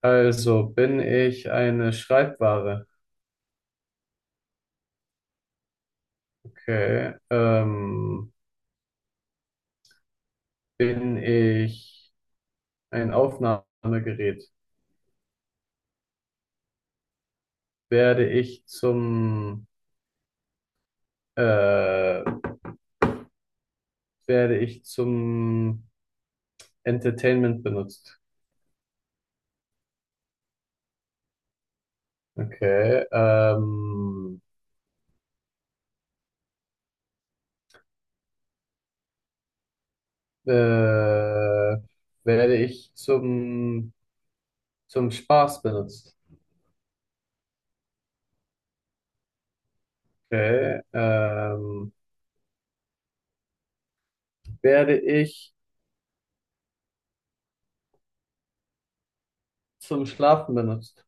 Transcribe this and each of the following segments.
Also bin ich eine Schreibware? Okay. Bin ich ein Aufnahmegerät? Werde ich zum äh, werde ich zum Entertainment benutzt? Okay. Äh, werde ich zum Spaß benutzt? Okay. Werde ich zum Schlafen benutzt?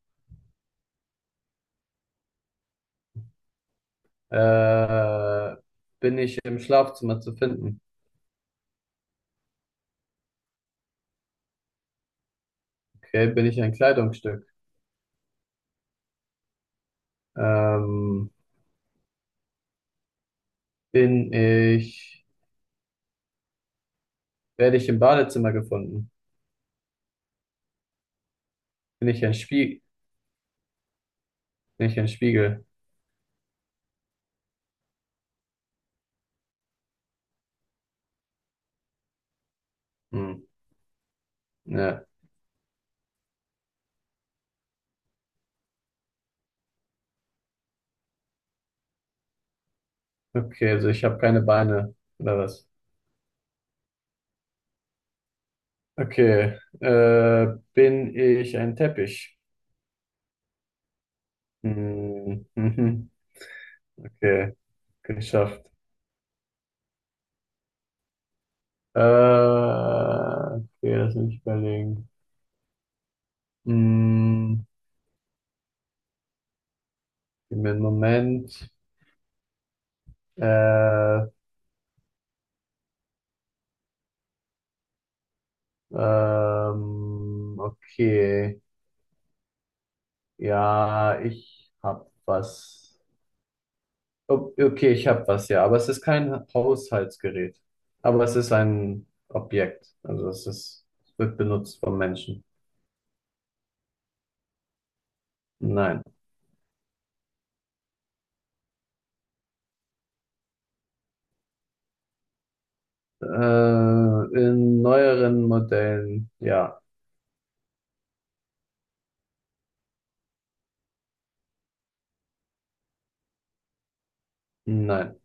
Äh, bin ich im Schlafzimmer zu finden? Okay, bin ich ein Kleidungsstück? Ähm, bin ich, werde ich im Badezimmer gefunden? Bin ich ein Spiegel? Bin ich ein Spiegel? Hm, ja. Okay, also ich habe keine Beine oder was? Okay, bin ich ein Teppich? Hm, mhm, okay, geschafft. Okay, lass mich überlegen. Hm, gib mir einen Moment. Äh, okay. Ja, ich hab was. Okay, ich hab was, ja. Aber es ist kein Haushaltsgerät. Aber es ist ein Objekt. Also es wird benutzt von Menschen. Nein. In neueren Modellen, ja. Nein.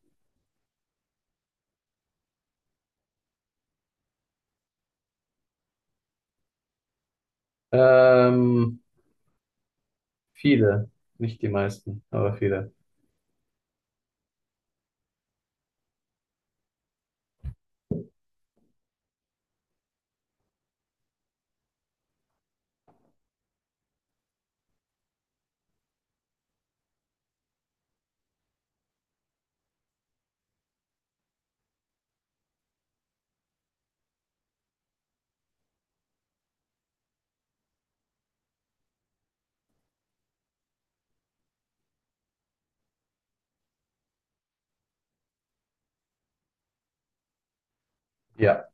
Ähm, viele. Nicht die meisten, aber viele. Ja,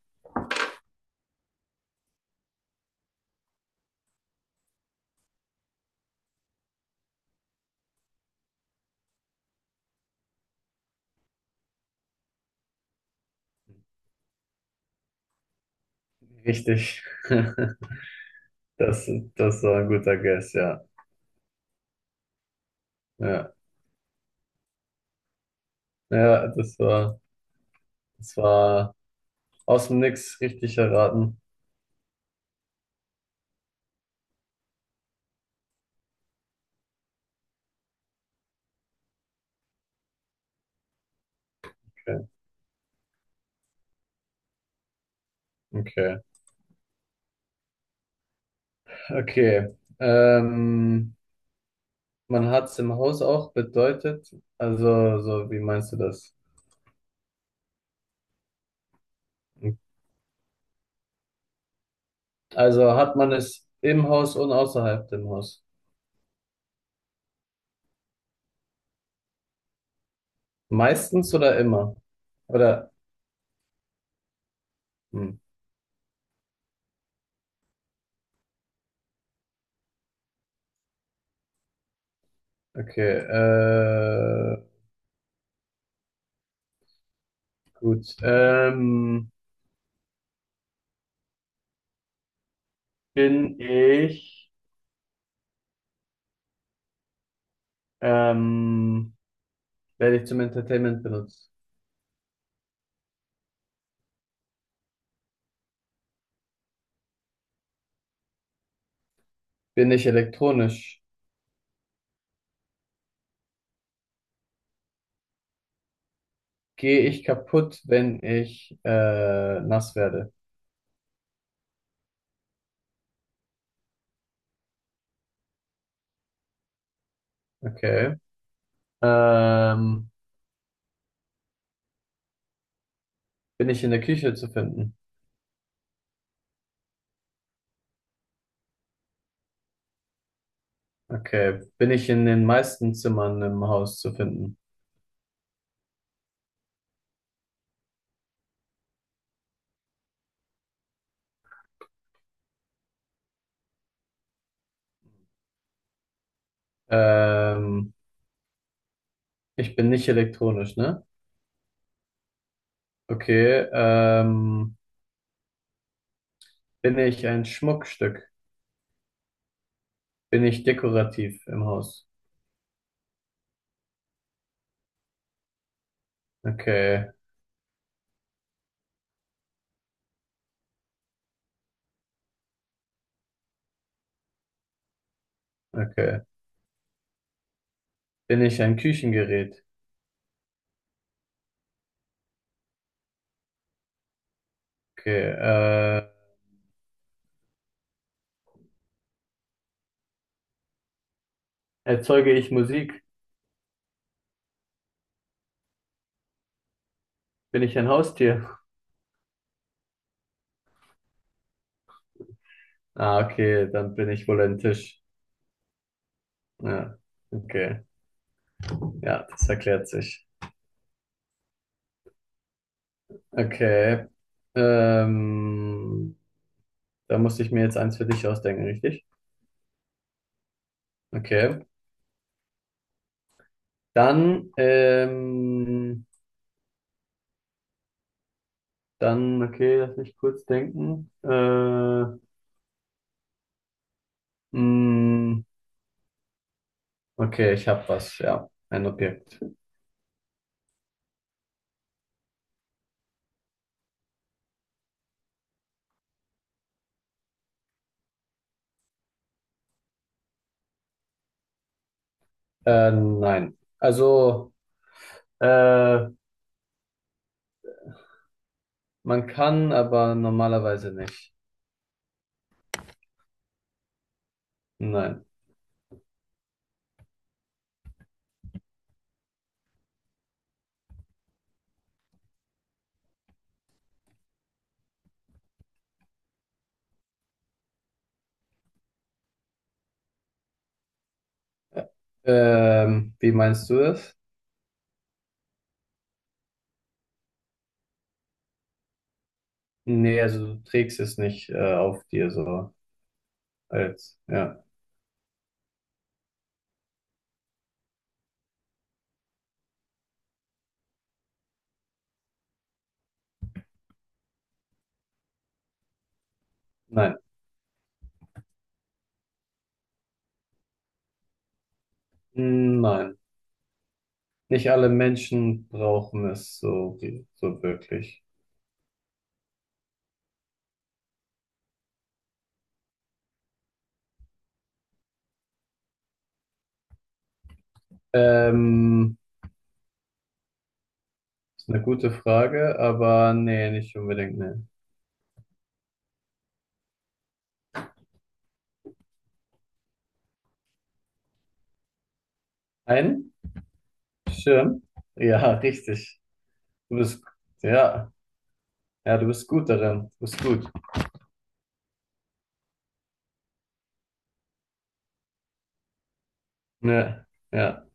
richtig. Das, das war ein guter Guess, ja. Ja, ja, das war. Das war aus dem Nix richtig erraten. Okay. Okay. Okay. Man hat es im Haus auch bedeutet. Also, so, wie meinst du das? Also hat man es im Haus und außerhalb dem Haus? Meistens oder immer? Oder? Hm. Okay. Gut. Bin ich, ähm, werde ich zum Entertainment benutzt? Bin ich elektronisch? Gehe ich kaputt, wenn ich nass werde? Okay. Ähm, bin ich in der Küche zu finden? Okay. Bin ich in den meisten Zimmern im Haus zu finden? Ähm, ich bin nicht elektronisch, ne? Okay. Bin ich ein Schmuckstück? Bin ich dekorativ im Haus? Okay. Okay. Bin ich ein Küchengerät? Okay. Erzeuge ich Musik? Bin ich ein Haustier? Ah, okay. Dann bin ich wohl ein Tisch. Ja, okay. Ja, das erklärt sich. Okay. Ähm, da musste ich mir jetzt eins für dich ausdenken, richtig? Okay. Dann, dann, okay, lass mich kurz denken. Mh, okay, ich habe was, ja, ein Objekt. Nein. Also, äh, man kann, aber normalerweise nicht. Nein. Wie meinst du es? Nee, also du trägst es nicht, auf dir so. Als, ja. Nein. Hm, Nein. Nicht alle Menschen brauchen so wirklich. Ähm, ist eine gute Frage, aber nee, nicht unbedingt, nee. Ein Schirm? Ja, richtig. Du bist, ja, ja, du bist gut darin. Du bist gut. Ja, ja.